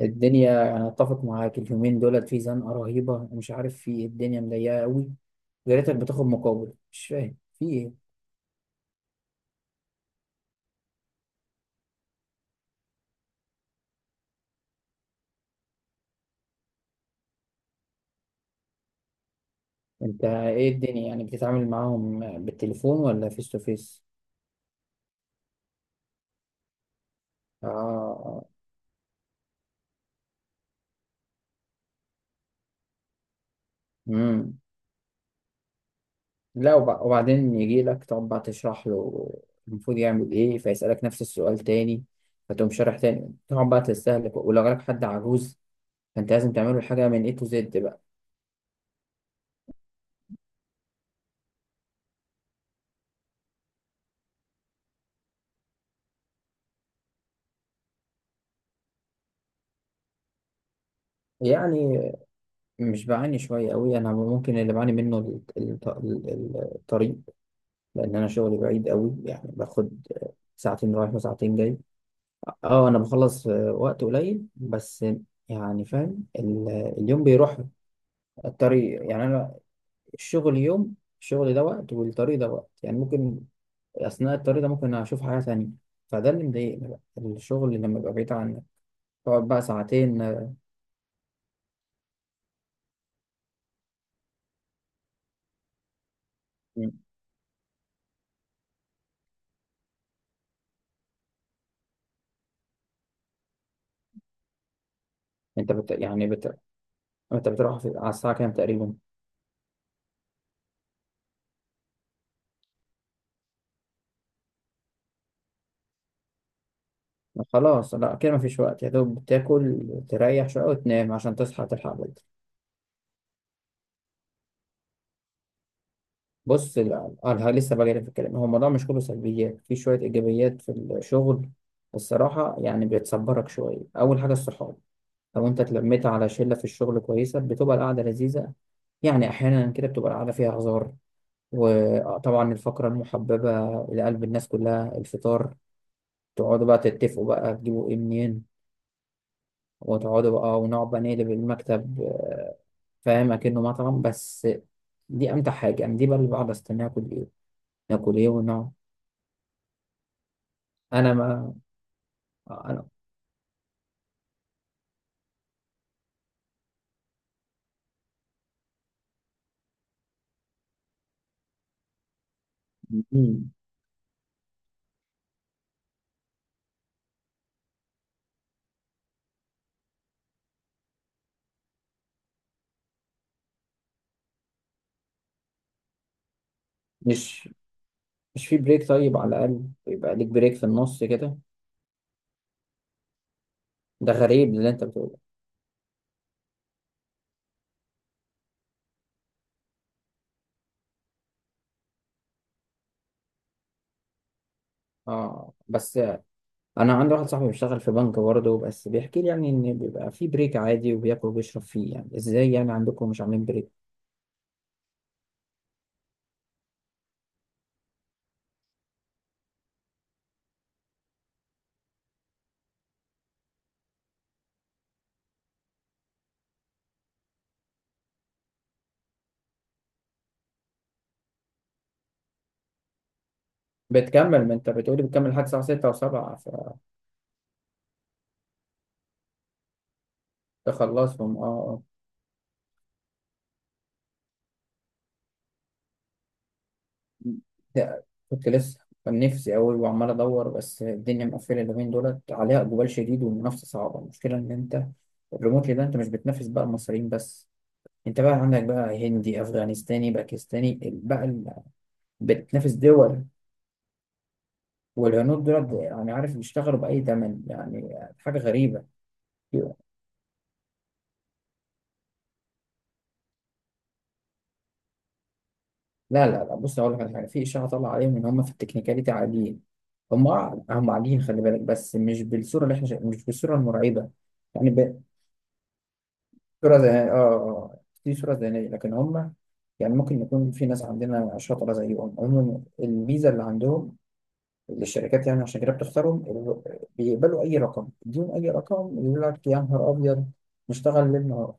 الدنيا، انا اتفق معاك. اليومين دولت في زنقه رهيبه، مش عارف في إيه، الدنيا مضيقه قوي. يا ريتك بتاخد مقابل، مش فاهم في ايه. انت ايه الدنيا يعني بتتعامل معاهم؟ بالتليفون ولا فيس تو فيس؟ اه. امم. لا، وب- وبعدين يجي لك تقعد بقى تشرح له المفروض يعمل ايه، فيسألك نفس السؤال تاني، فتقوم شارح تاني، تقعد بقى تستهلك. ولو جالك حد عجوز فانت لازم تعمله الحاجه من اي تو زد بقى. يعني مش بعاني شوية قوي أنا. ممكن اللي بعاني منه الطريق، لأن أنا شغلي بعيد قوي. يعني باخد ساعتين رايح وساعتين جاي. أه أنا بخلص في وقت قليل، بس يعني فاهم اليوم بيروح. الطريق، يعني أنا الشغل يوم، الشغل ده وقت والطريق ده وقت. يعني ممكن أثناء الطريق ده ممكن أشوف حاجة تانية. فده اللي مضايقني بقى، الشغل لما يبقى بعيد عنك تقعد بقى ساعتين. آه. أنت بت... يعني بت... أنت على الساعة كام تقريبا؟ خلاص، لا كده مفيش وقت، يا دوب تاكل تريح شوية وتنام عشان تصحى تلحق بدري. بص، لا أنا لسه بجري في الكلام. هو الموضوع مش كله سلبيات، في شوية إيجابيات في الشغل الصراحة. يعني بتصبرك شوية، أول حاجة الصحاب. لو أنت اتلميت على شلة في الشغل كويسة بتبقى القعدة لذيذة. يعني أحيانا كده بتبقى القعدة فيها هزار. وطبعا الفقرة المحببة إلى قلب الناس كلها، الفطار. تقعدوا بقى تتفقوا بقى تجيبوا إيه منين، وتقعدوا بقى ونقعد بقى نقلب المكتب. فاهم، اكنه مطعم بس. دي امتع حاجه، انا دي بقى اللي بقعد استناها كل يوم. ناكل ايه ونقعد. انا ما انا. مم. مش مش في بريك طيب على الاقل؟ يبقى ليك بريك في النص كده. ده غريب اللي انت بتقوله. اه، بس انا عندي واحد صاحبي بيشتغل في بنك برضه، بس بيحكي لي يعني ان بيبقى في بريك عادي وبياكل وبيشرب فيه. يعني ازاي يعني عندكم مش عاملين بريك؟ بتكمل، ما انت بتقولي بتكمل لحد الساعه 6 و7. فتخلصهم، اه. ده كنت لسه، كان نفسي أوي وعمال أدور، بس الدنيا مقفلة اليومين دولت، عليها إقبال شديد والمنافسة صعبة. المشكلة إن أنت الريموتلي ده أنت مش بتنافس بقى المصريين بس، أنت بقى عندك بقى هندي أفغانستاني باكستاني بقى بتنافس دول. والهنود دولت، يعني عارف بيشتغلوا بأي تمن، يعني حاجة غريبة. لا لا لا، بص أقول لك على حاجة، في إشاعة طالعة عليهم إن هم في التكنيكاليتي عاليين. هم هم عاليين، خلي بالك، بس مش بالصورة اللي إحنا مش بالصورة المرعبة. يعني صورة ذهنية، اه اه، دي صورة ذهنية، لكن هم يعني ممكن يكون في ناس عندنا شاطرة زيهم. عموما الميزة اللي عندهم، اللي الشركات يعني عشان كده بتختارهم، بيقبلوا أي رقم يديهم، أي رقم، يقول لك يا نهار أبيض نشتغل ليل نهار.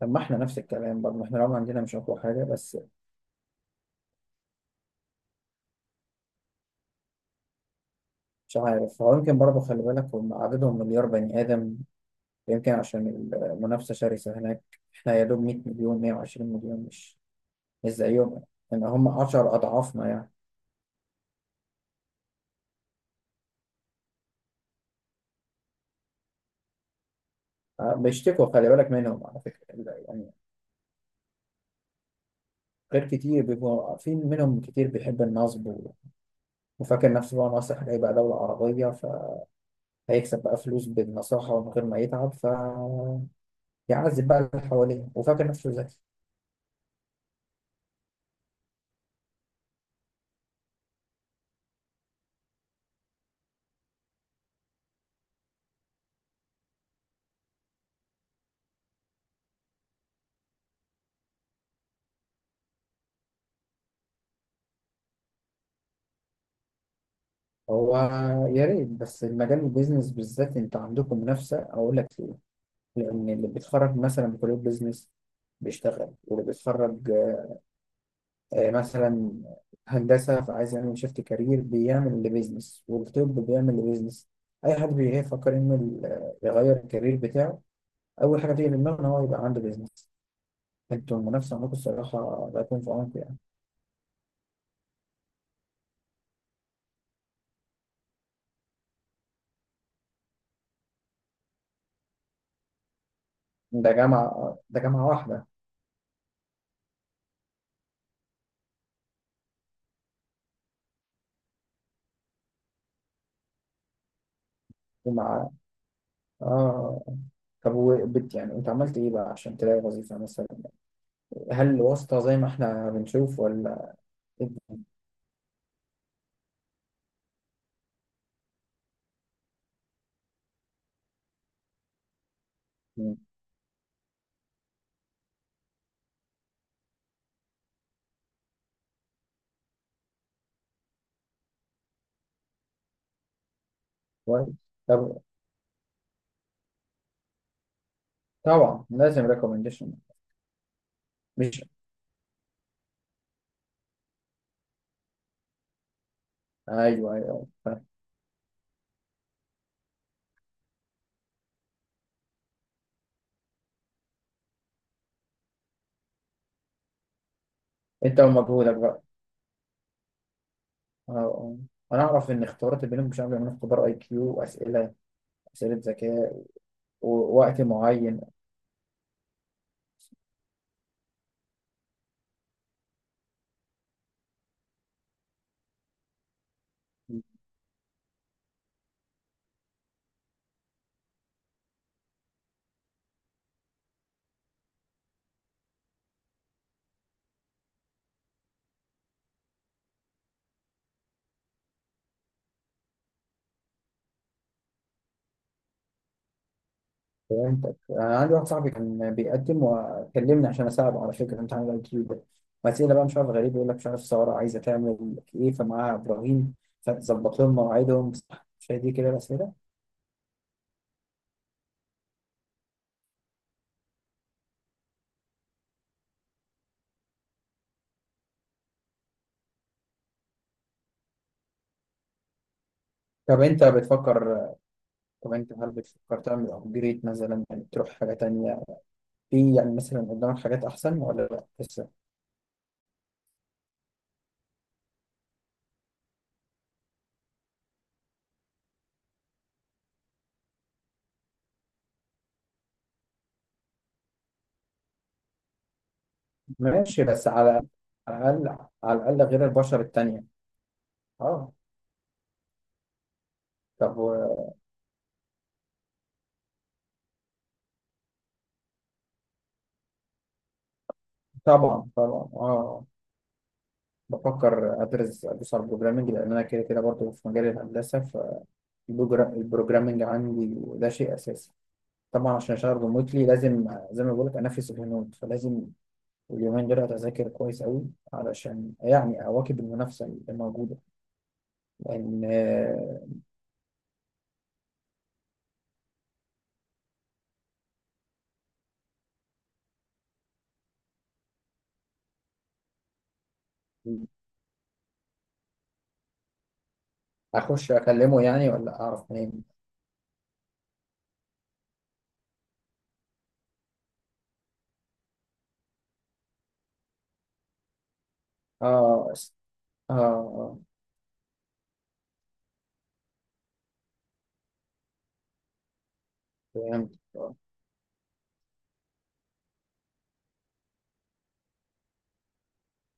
طب ما احنا نفس الكلام برضه، احنا رغم عندنا مش أقوى حاجة بس. مش عارف، هو يمكن برضه خلي بالك هم عددهم مليار بني آدم، يمكن عشان المنافسة شرسة هناك. احنا يا دوب 100 مليون، 120 مليون، مش مش زيهم. يعني هم 10 أضعافنا يعني. آه، بيشتكوا خلي بالك منهم على فكرة. يعني غير كتير، بيبقوا في منهم كتير بيحب النصب وفاكر نفسه بقى ناصح، هيبقى دولة عربية فهيكسب بقى فلوس بالنصاحة، ومن غير ما يتعب فيعذب بقى اللي حواليه، وفاكر نفسه ذكي. هو يا ريت بس، المجال البيزنس بالذات انت عندكم منافسة، أقول لك ليه؟ لأن اللي بيتخرج مثلا من كلية بيزنس بيشتغل، واللي بيتخرج آه، مثلا هندسة فعايز يعمل شيفت كارير بيعمل لبيزنس، والطب بيعمل لبيزنس. أي حد بيفكر إنه يغير الكارير بتاعه، أول حاجة تيجي في دماغه إن هو يبقى عنده بيزنس. أنتوا المنافسة عندكم الصراحة لا تكون في عمق يعني. ده جامعة، ده جامعة واحدة. ومع آه. طب يعني أنت عملت إيه بقى عشان تلاقي وظيفة مثلا؟ هل واسطة زي ما إحنا بنشوف ولا إيه؟ مم. كويس. طب، طبعا لازم ريكومنديشن. مش أيوه أيوه، انت ومجهودك بقى، اه اه. انا اعرف ان اختبارات البنوك مش عامله من اختبار اي كيو، واسئله، اسئله ذكاء ووقت معين. فهمتك. انا عندي واحد صاحبي كان بيقدم وكلمني عشان اساعده على فكره امتحان الاي كيو ده، واسئله بقى مش عارف غريب، يقول لك مش عارف الثوره عايزه تعمل ايه فمعاها ابراهيم، فتظبط لهم مواعيدهم صح. مش هي دي كده الاسئله؟ طب انت بتفكر، طب انت هل بتفكر تعمل ابجريد مثلا، يعني تروح حاجه تانيه، في يعني مثلا قدامك حاجات احسن ولا لا؟ ماشي، بس على على الأقل، على الأقل غير البشر التانية. اه. طب طبعا طبعا، اه، بفكر أدرس على البروجرامينج، لأن أنا كده كده برضه في مجال الهندسة، فالبروجرامينج عندي ده شيء أساسي. طبعا عشان أشتغل ريموتلي لازم زي ما بقولك أنافس الهنود، فلازم اليومين دول أتذاكر كويس أوي علشان يعني أواكب المنافسة اللي موجودة، لأن آه، أخش أكلمه يعني ولا أعرف منين؟ اه اه، آه، فهمت.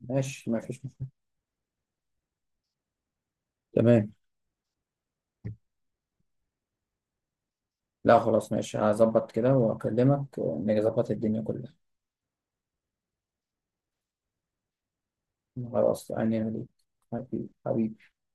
ماشي، ما فيش مشكلة. تمام. لا خلاص، ماشي، هظبط كده وأكلمك ونظبط الدنيا كلها. خلاص أنا. حبيبي حبيبي.